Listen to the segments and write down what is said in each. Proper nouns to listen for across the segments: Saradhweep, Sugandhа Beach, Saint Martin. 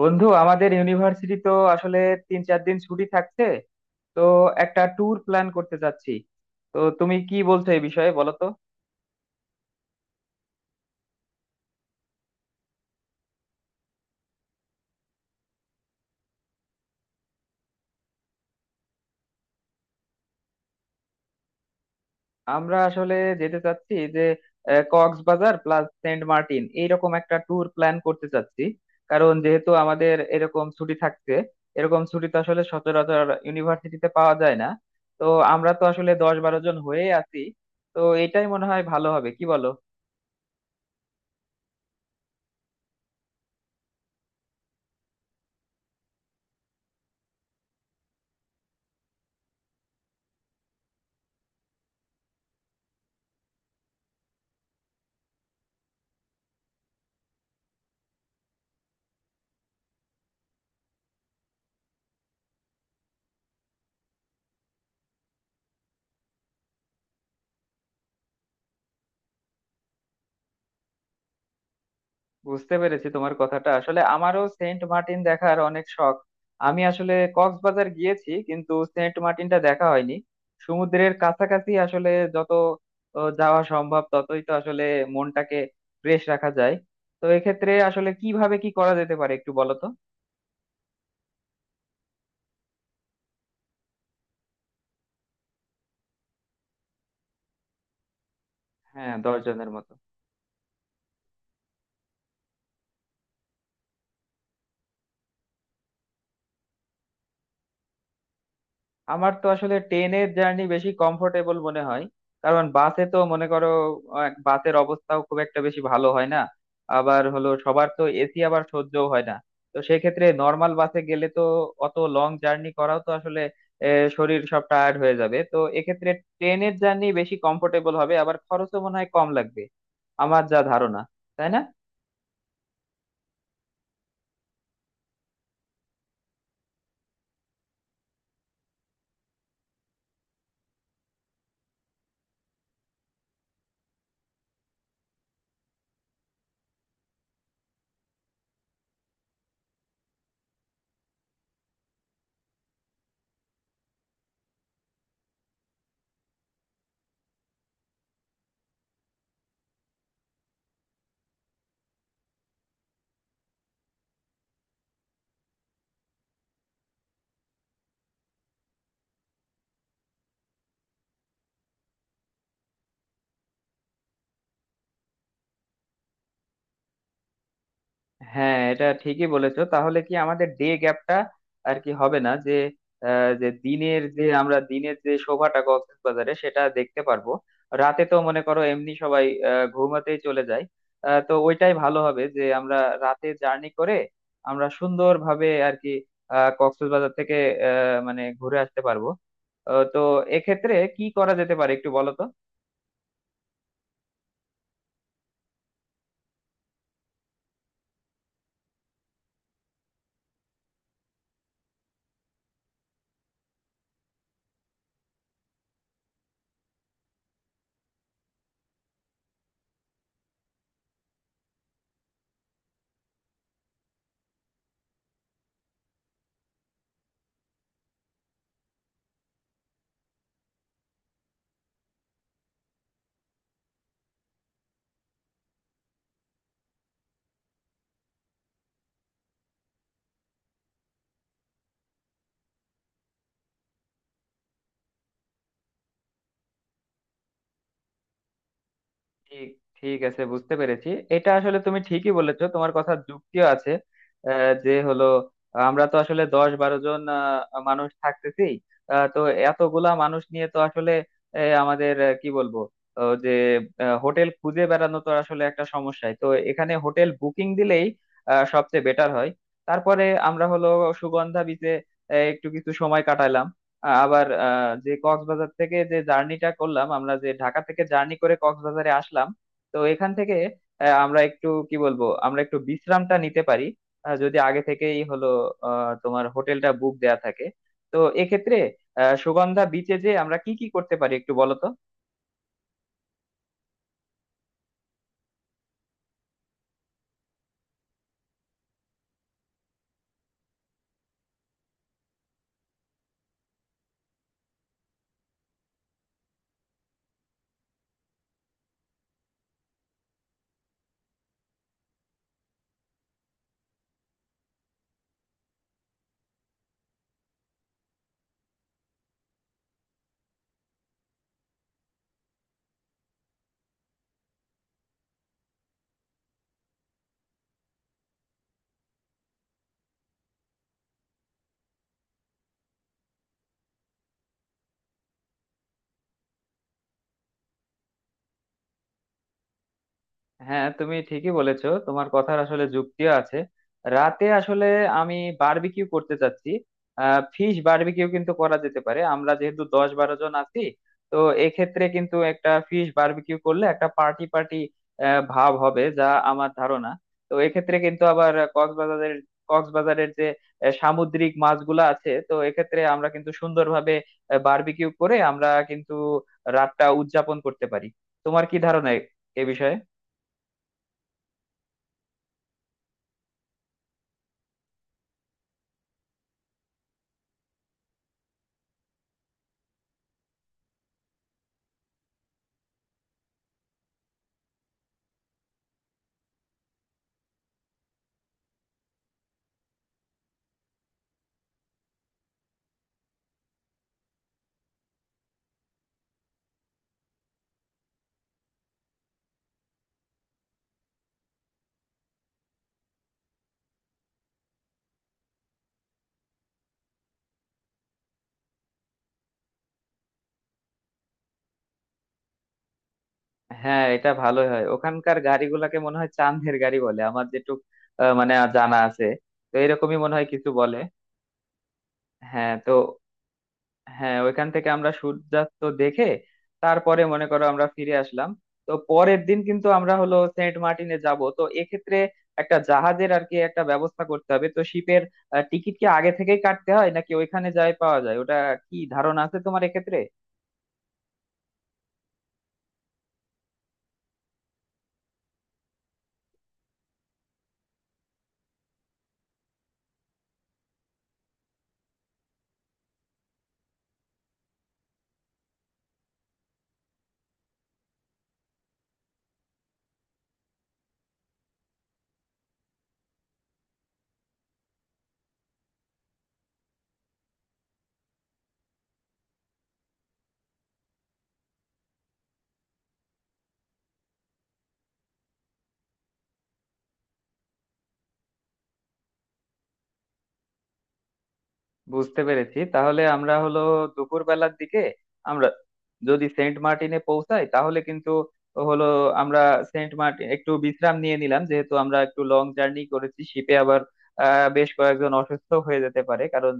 বন্ধু, আমাদের ইউনিভার্সিটি তো আসলে তিন চার দিন ছুটি থাকছে। তো একটা ট্যুর প্ল্যান করতে চাচ্ছি। তো তুমি কি বলছো, এই বিষয়ে বলো তো। আমরা আসলে যেতে চাচ্ছি যে কক্সবাজার প্লাস সেন্ট মার্টিন, এইরকম একটা ট্যুর প্ল্যান করতে চাচ্ছি। কারণ যেহেতু আমাদের এরকম ছুটি থাকছে, এরকম ছুটি তো আসলে সচরাচর ইউনিভার্সিটিতে পাওয়া যায় না। তো আমরা তো আসলে দশ বারো জন হয়ে আছি। তো এটাই মনে হয় ভালো হবে, কি বলো? বুঝতে পেরেছি তোমার কথাটা। আসলে আমারও সেন্ট মার্টিন দেখার অনেক শখ। আমি আসলে কক্সবাজার গিয়েছি, কিন্তু সেন্ট মার্টিনটা দেখা হয়নি। সমুদ্রের কাছাকাছি আসলে যত যাওয়া সম্ভব, ততই তো আসলে মনটাকে ফ্রেশ রাখা যায়। তো এক্ষেত্রে আসলে কিভাবে কি করা যেতে পারে, একটু বলো তো। হ্যাঁ, দশ জনের মতো। আমার তো আসলে ট্রেনের জার্নি বেশি কমফোর্টেবল মনে হয়। কারণ বাসে তো মনে করো, বাসের অবস্থাও খুব একটা বেশি ভালো হয় না। আবার হলো সবার তো এসি আবার সহ্যও হয় না। তো সেক্ষেত্রে নর্মাল বাসে গেলে তো অত লং জার্নি করাও তো আসলে শরীর সব টায়ার্ড হয়ে যাবে। তো এক্ষেত্রে ট্রেনের জার্নি বেশি কমফোর্টেবল হবে, আবার খরচও মনে হয় কম লাগবে, আমার যা ধারণা। তাই না? হ্যাঁ, এটা ঠিকই বলেছো। তাহলে কি আমাদের ডে গ্যাপটা আর কি হবে না যে যে দিনের যে শোভাটা কক্সবাজারে, সেটা দেখতে পারবো। রাতে তো মনে করো এমনি সবাই ঘুমাতেই চলে যায়। তো ওইটাই ভালো হবে যে আমরা রাতে জার্নি করে আমরা সুন্দরভাবে আর কি কক্সবাজার থেকে মানে ঘুরে আসতে পারবো। তো এক্ষেত্রে কি করা যেতে পারে, একটু বলো তো। ঠিক ঠিক আছে, বুঝতে পেরেছি। এটা আসলে তুমি ঠিকই বলেছো, তোমার কথার যুক্তিও আছে। যে হলো, আমরা তো আসলে দশ বারো জন মানুষ থাকতেছি। তো এতগুলা মানুষ নিয়ে তো আসলে আমাদের কি বলবো, যে হোটেল খুঁজে বেড়ানো তো আসলে একটা সমস্যাই। তো এখানে হোটেল বুকিং দিলেই সবচেয়ে বেটার হয়। তারপরে আমরা হলো সুগন্ধা বিচে একটু কিছু সময় কাটালাম। আবার যে কক্সবাজার থেকে যে জার্নিটা করলাম, আমরা যে ঢাকা থেকে জার্নি করে কক্সবাজারে আসলাম, তো এখান থেকে আমরা একটু কি বলবো, আমরা একটু বিশ্রামটা নিতে পারি যদি আগে থেকেই হলো তোমার হোটেলটা বুক দেয়া থাকে। তো এক্ষেত্রে সুগন্ধা বিচে যে আমরা কি কি করতে পারি, একটু বলো তো। হ্যাঁ, তুমি ঠিকই বলেছো, তোমার কথার আসলে যুক্তিও আছে। রাতে আসলে আমি বারবিকিউ করতে চাচ্ছি। ফিশ বারবিকিউ কিন্তু করা যেতে পারে। আমরা যেহেতু দশ বারো জন আছি, তো এক্ষেত্রে কিন্তু একটা ফিশ বারবিকিউ করলে একটা পার্টি পার্টি ভাব হবে, যা আমার ধারণা। তো এক্ষেত্রে কিন্তু আবার কক্সবাজারের কক্সবাজারের যে সামুদ্রিক মাছগুলো আছে, তো এক্ষেত্রে আমরা কিন্তু সুন্দরভাবে বারবিকিউ করে আমরা কিন্তু রাতটা উদযাপন করতে পারি। তোমার কি ধারণা এ এ বিষয়ে? হ্যাঁ, এটা ভালোই হয়। ওখানকার গাড়িগুলোকে মনে হয় চান্দের গাড়ি বলে, আমার যেটুক মানে জানা আছে। তো এরকমই মনে হয় কিছু বলে। হ্যাঁ তো হ্যাঁ, ওইখান থেকে আমরা সূর্যাস্ত দেখে তারপরে মনে করো আমরা ফিরে আসলাম। তো পরের দিন কিন্তু আমরা হলো সেন্ট মার্টিনে যাব। তো এক্ষেত্রে একটা জাহাজের আর কি একটা ব্যবস্থা করতে হবে। তো শিপের টিকিট কি আগে থেকেই কাটতে হয় নাকি ওইখানে যাই পাওয়া যায়, ওটা কি ধারণা আছে তোমার এক্ষেত্রে? বুঝতে পেরেছি। তাহলে আমরা হলো দুপুর বেলার দিকে আমরা যদি সেন্ট মার্টিনে পৌঁছাই, তাহলে কিন্তু হলো আমরা সেন্ট মার্টিন একটু বিশ্রাম নিয়ে নিলাম, যেহেতু আমরা একটু লং জার্নি করেছি শিপে। আবার বেশ কয়েকজন অসুস্থ হয়ে যেতে পারে, কারণ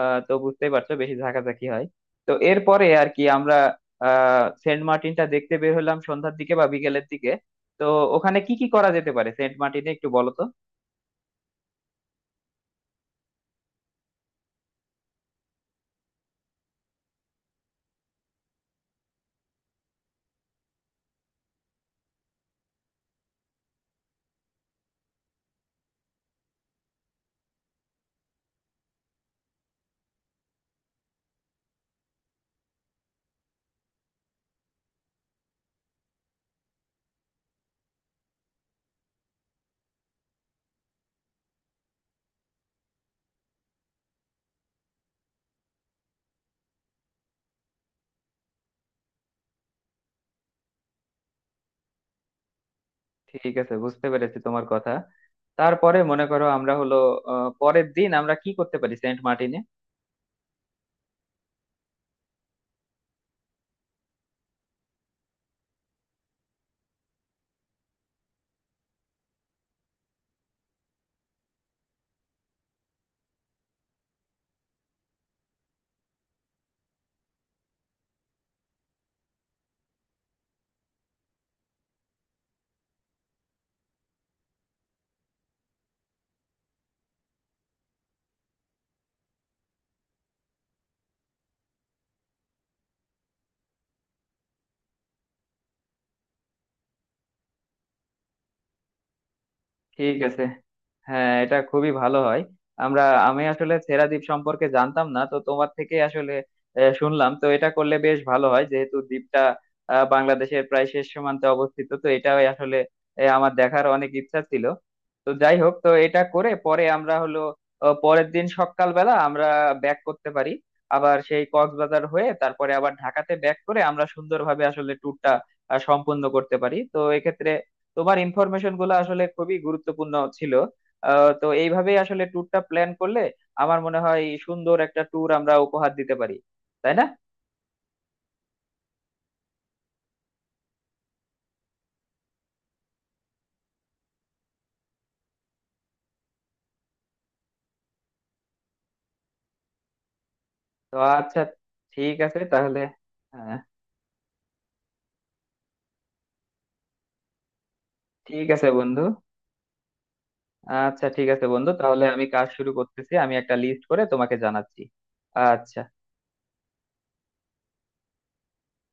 তো বুঝতেই পারছো বেশি ঝাঁকাঝাঁকি হয়। তো এরপরে আর কি আমরা সেন্ট মার্টিনটা দেখতে বের হলাম সন্ধ্যার দিকে বা বিকেলের দিকে। তো ওখানে কি কি করা যেতে পারে সেন্ট মার্টিনে, একটু বলো তো। ঠিক আছে, বুঝতে পেরেছি তোমার কথা। তারপরে মনে করো আমরা হলো পরের দিন আমরা কি করতে পারি সেন্ট মার্টিনে? ঠিক আছে, হ্যাঁ এটা খুবই ভালো হয়। আমরা, আমি আসলে সেরাদ্বীপ সম্পর্কে জানতাম না, তো তোমার থেকে আসলে শুনলাম। তো এটা করলে বেশ ভালো হয়, যেহেতু দ্বীপটা বাংলাদেশের প্রায় শেষ সীমান্তে অবস্থিত। তো এটাই আসলে আমার দেখার অনেক ইচ্ছা ছিল। তো যাই হোক, তো এটা করে পরে আমরা হলো পরের দিন সকালবেলা আমরা ব্যাক করতে পারি আবার সেই কক্সবাজার হয়ে, তারপরে আবার ঢাকাতে ব্যাক করে আমরা সুন্দরভাবে আসলে ট্যুরটা সম্পূর্ণ করতে পারি। তো এক্ষেত্রে তোমার ইনফরমেশন গুলো আসলে খুবই গুরুত্বপূর্ণ ছিল। তো এইভাবেই আসলে ট্যুরটা প্ল্যান করলে আমার মনে হয় সুন্দর একটা ট্যুর আমরা উপহার দিতে পারি। তাই না? তো আচ্ছা। ঠিক আছে তাহলে। হ্যাঁ, ঠিক আছে বন্ধু। আচ্ছা ঠিক আছে বন্ধু, তাহলে আমি কাজ শুরু করতেছি। আমি একটা লিস্ট করে তোমাকে জানাচ্ছি। আচ্ছা।